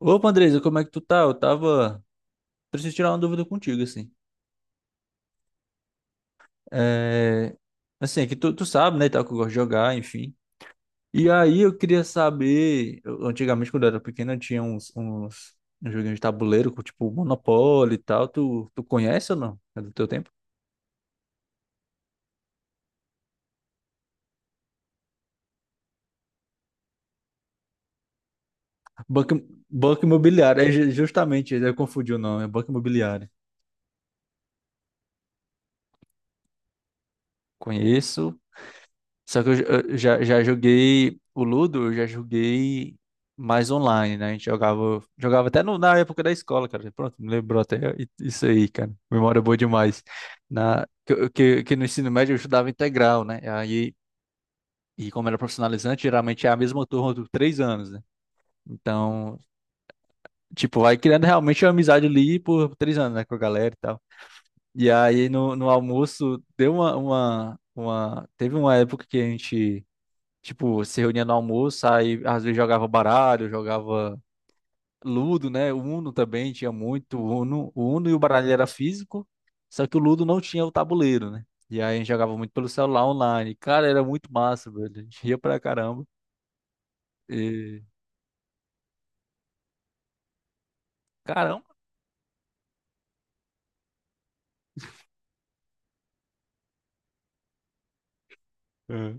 Opa, Andresa, como é que tu tá? Eu tava. Preciso tirar uma dúvida contigo, assim. É... Assim, é que tu sabe, né, e tal, que eu gosto de jogar, enfim. E aí eu queria saber. Antigamente, quando eu era pequeno, eu tinha uns joguinhos de tabuleiro, com, tipo Monopoly e tal. Tu conhece ou não? É do teu tempo? Banco, Banco Imobiliário. É justamente, eu confundi o nome. É Banco Imobiliário. Conheço, só que eu já joguei o Ludo, eu já joguei mais online, né? A gente jogava até na época da escola, cara. Pronto, me lembrou até isso aí, cara. Memória boa demais. Que no ensino médio eu estudava integral, né? Aí, e como era profissionalizante, geralmente é a mesma turma dos 3 anos, né? Então, tipo, vai criando realmente uma amizade ali por 3 anos, né? Com a galera e tal. E aí no almoço deu uma. Teve uma época que a gente. Tipo, se reunia no almoço, aí às vezes jogava baralho, jogava Ludo, né? Uno também tinha muito Uno. O Uno e o baralho era físico, só que o Ludo não tinha o tabuleiro, né? E aí a gente jogava muito pelo celular online. Cara, era muito massa, velho. A gente ria pra caramba. E... Caramba! É.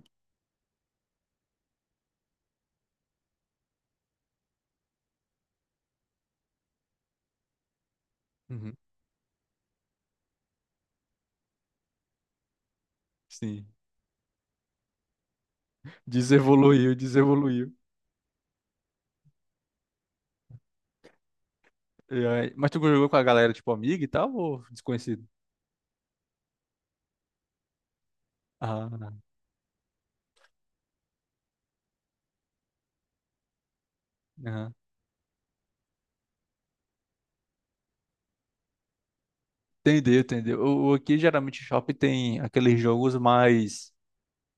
Uhum. Sim. Desevoluiu, desevoluiu. Mas tu jogou com a galera, tipo, amiga e tal, ou desconhecido? Ah, aham. Entendeu, entendeu. Aqui geralmente shopping tem aqueles jogos mais.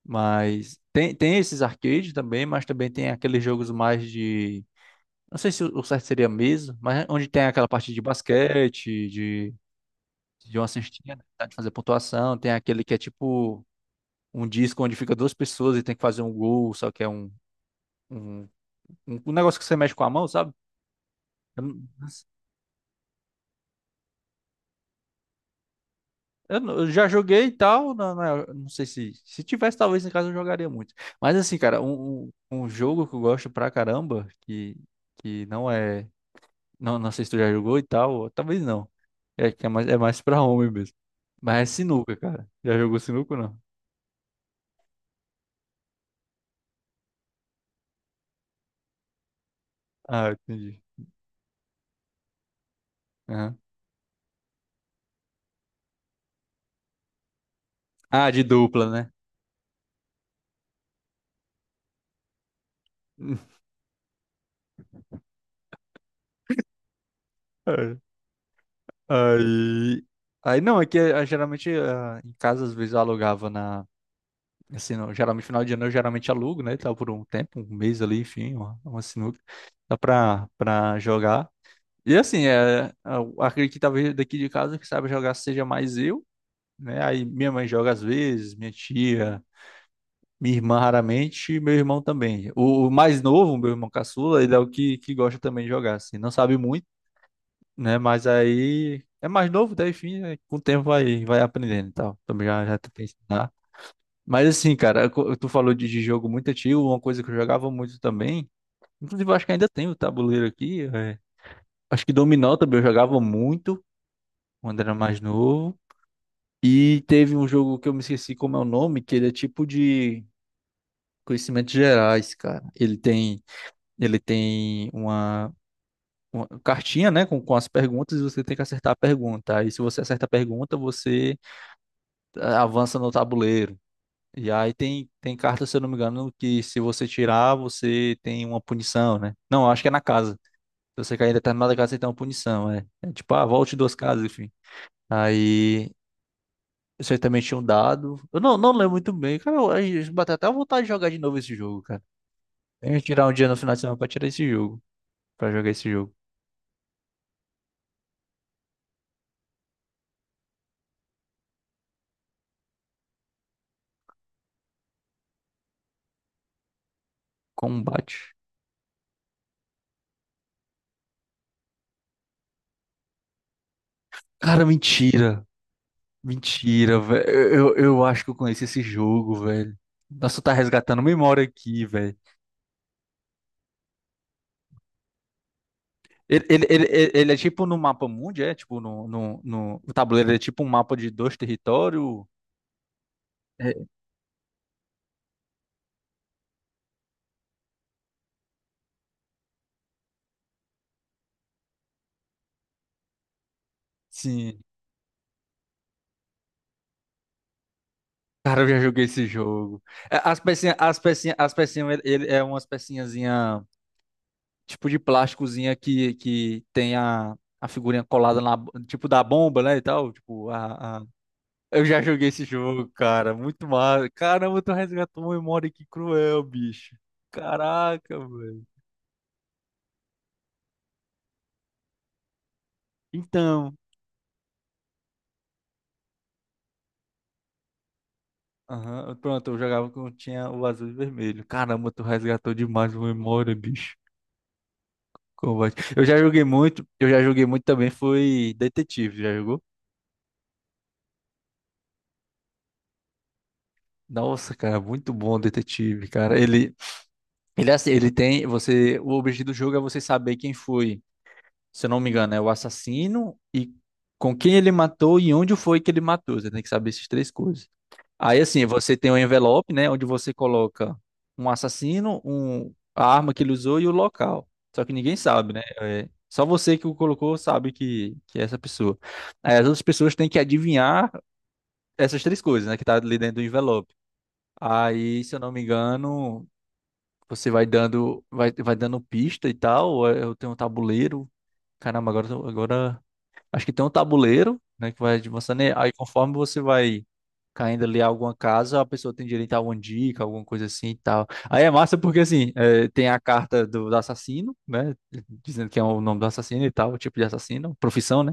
Mas tem esses arcades também, mas também tem aqueles jogos mais de. Não sei se o certo seria mesa, mas onde tem aquela parte de basquete, de uma cestinha, né? Tá, de fazer pontuação. Tem aquele que é tipo um disco onde fica duas pessoas e tem que fazer um gol, só que é um, um negócio que você mexe com a mão, sabe? Eu, não- eu não- eu já joguei e tal, não sei se. Se tivesse, talvez em casa eu jogaria muito. Mas assim, cara, um jogo que eu gosto pra caramba, que, não é. Não sei se tu já jogou e tal, ou talvez não. É que é mais pra homem mesmo. Mas é sinuca, cara. Já jogou sinuca ou não? Ah, entendi. Aham. Ah, de dupla, né? É. Aí, aí não, é que geralmente em casa às vezes eu alugava assim, geralmente final de ano eu geralmente alugo, né, e tal, por um tempo, um mês ali, enfim, uma sinuca, dá pra jogar. E assim, eu acredito que talvez daqui de casa que sabe jogar seja mais eu, né, aí minha mãe joga às vezes, minha tia, minha irmã raramente, e meu irmão também. O mais novo, meu irmão caçula, ele é o que gosta também de jogar, assim. Não sabe muito, né? Mas aí é mais novo, daí enfim, né, com o tempo vai aprendendo e tal. Também já tentei ensinar. Mas assim, cara, tu falou de jogo muito antigo, uma coisa que eu jogava muito também. Inclusive, eu acho que ainda tem o tabuleiro aqui. Acho que dominó também eu jogava muito quando era mais novo. E teve um jogo que eu me esqueci como é o nome, que ele é tipo de conhecimentos gerais, cara. Ele tem uma cartinha, né, com as perguntas e você tem que acertar a pergunta. Aí, se você acerta a pergunta, você avança no tabuleiro. E aí tem carta, se eu não me engano, que se você tirar, você tem uma punição, né? Não, acho que é na casa. Se você cair em determinada casa, você tem uma punição, é. É tipo, volte duas casas, enfim. Aí você também tinha um dado. Eu não lembro muito bem, cara. Eu bateu até vontade de jogar de novo esse jogo, cara. Tem que tirar um dia no final de semana pra tirar esse jogo. Pra jogar esse jogo. Combate. Cara, mentira. Mentira, velho. Eu acho que eu conheço esse jogo, velho. Nossa, tá resgatando memória aqui, velho. Ele é tipo no mapa mundi, é? Tipo, no, no, no, o tabuleiro é tipo um mapa de dois territórios. É, sim. Cara, eu já joguei esse jogo. É, as pecinhas, ele, é umas pecinhazinha, tipo de plásticozinha que tem a figurinha colada tipo da bomba, né, e tal. Tipo, a. Eu já joguei esse jogo, cara. Muito mal. Caramba, tu resgatou uma memória que cruel, bicho. Caraca, velho. Então. Aham, pronto, eu jogava quando tinha o azul e vermelho. Caramba, tu resgatou demais uma memória, bicho. Combate. Eu já joguei muito, eu já joguei muito também, foi Detetive, já jogou? Nossa, cara, muito bom o Detetive, cara. Ele é assim, ele tem, você, o objetivo do jogo é você saber quem foi. Se eu não me engano, é o assassino e com quem ele matou e onde foi que ele matou. Você tem que saber essas três coisas. Aí, assim, você tem um envelope, né, onde você coloca um assassino, um, a arma que ele usou e o local. Só que ninguém sabe, né? É, só você que o colocou sabe que é essa pessoa. Aí, as outras pessoas têm que adivinhar essas três coisas, né, que tá ali dentro do envelope. Aí, se eu não me engano, você vai dando, vai dando pista e tal. Eu tenho um tabuleiro. Caramba, agora, agora. Acho que tem um tabuleiro, né, que vai avançando. E aí, conforme você vai caindo ali a alguma casa, a pessoa tem direito a alguma dica, alguma coisa assim e tal. Aí é massa porque, assim, tem a carta do assassino, né, dizendo que é o nome do assassino e tal, o tipo de assassino, profissão, né?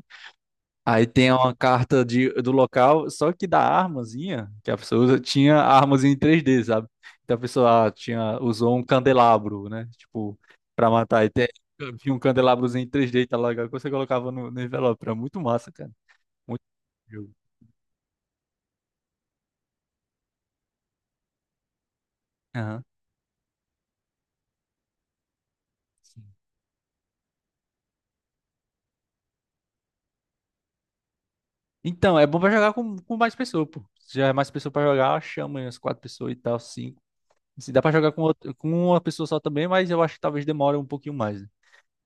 Aí tem uma carta do local, só que da armazinha que a pessoa usa, tinha a armazinha em 3D, sabe? Então a pessoa tinha, usou um candelabro, né? Tipo, pra matar. E tem, tinha um candelabrozinho em 3D, tá legal, que você colocava no envelope. Era muito massa, cara. Muito jogo. Aham. Então, é bom pra jogar com mais pessoa, pô. Se já é mais pessoa pra jogar, chama aí umas quatro pessoas e tal, cinco. Se dá pra jogar com uma pessoa só também, mas eu acho que talvez demore um pouquinho mais. Né?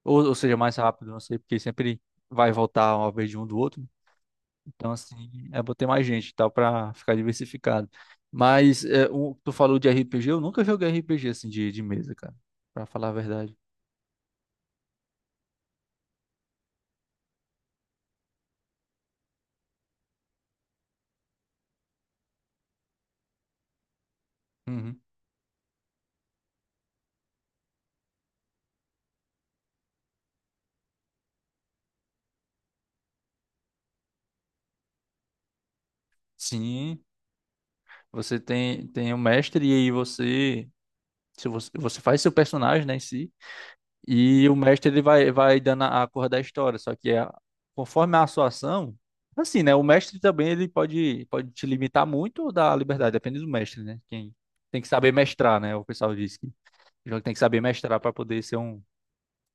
Ou seja, mais rápido, não sei, porque sempre vai voltar uma vez de um do outro. Então, assim, é bom ter mais gente e tal para ficar diversificado. Mas o que tu falou de RPG, eu nunca joguei RPG assim de mesa, cara, para falar a verdade. Uhum. Sim, você tem o mestre e aí você se você, você faz seu personagem, né, em si. E o mestre ele vai dando a cor da história, conforme a sua ação, assim, né? O mestre também ele pode te limitar muito ou dar liberdade, depende do mestre, né? Quem tem que saber mestrar, né? O pessoal diz que o jogo tem que saber mestrar para poder ser um,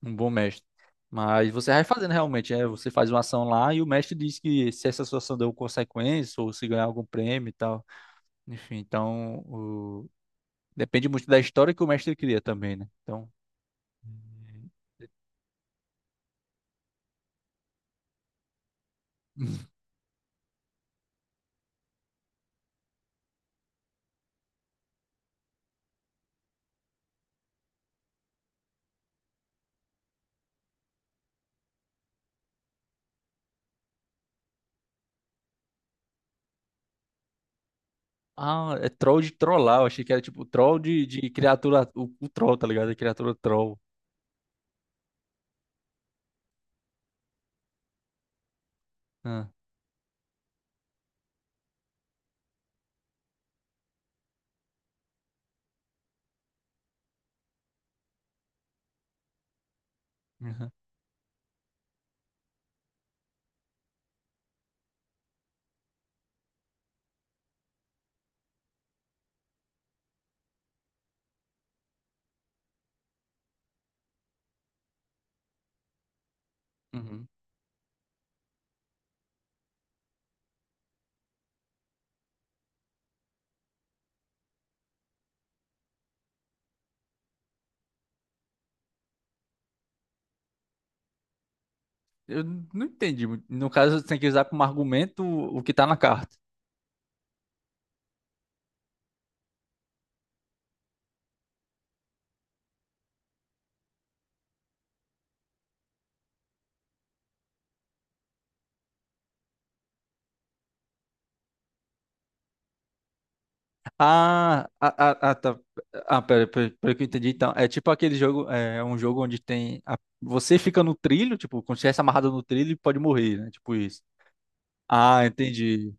um bom mestre. Mas você vai fazendo realmente, você faz uma ação lá e o mestre diz que se essa sua ação deu consequência ou se ganhar algum prêmio e tal. Enfim, então depende muito da história que o mestre cria também, né? Então. Ah, é troll de trollar. Eu achei que era tipo troll de criatura. O troll, tá ligado? A criatura troll. Ah, uhum, uhum. Eu não entendi muito. No caso, você tem que usar como argumento o que tá na carta. Ah, ah, ah, ah, tá. Ah, pera, pera, pera que eu entendi. Então, é tipo aquele jogo. É um jogo onde tem. Você fica no trilho, tipo, quando estivesse amarrado no trilho, pode morrer, né? Tipo isso. Ah, entendi.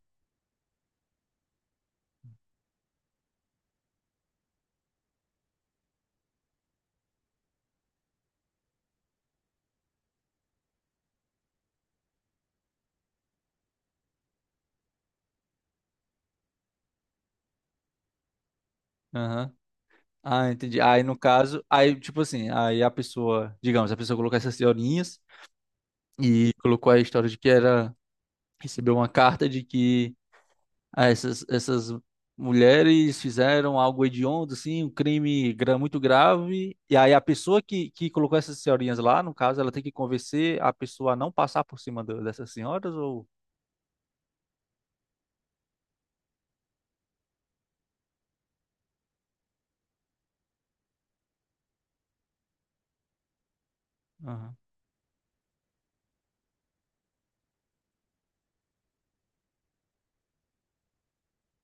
Aham. Ah, entendi. Aí no caso, aí tipo assim, aí a pessoa, digamos, a pessoa colocar essas senhorinhas. E colocou a história de que era recebeu uma carta de que essas mulheres fizeram algo hediondo, assim, um crime muito grave. E aí a pessoa que, colocou essas senhorinhas lá, no caso, ela tem que convencer a pessoa a não passar por cima dessas senhoras ou... Aham.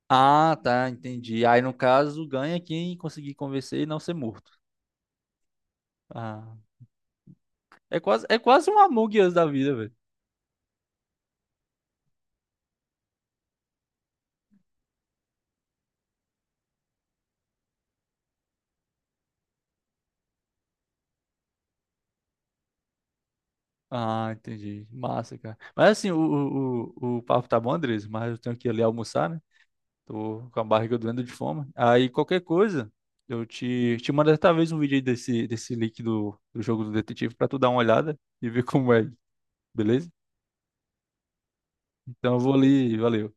Ah, tá, entendi. Aí no caso ganha quem conseguir convencer e não ser morto. Ah, é quase um Among Us da vida. Ah, entendi. Massa, cara. Mas assim, o papo tá bom, Andres, mas eu tenho que ir ali almoçar, né? Tô com a barriga doendo de fome. Aí qualquer coisa, eu te mando talvez um vídeo aí desse, link do jogo do detetive pra tu dar uma olhada e ver como é, beleza? Então eu vou ali, valeu.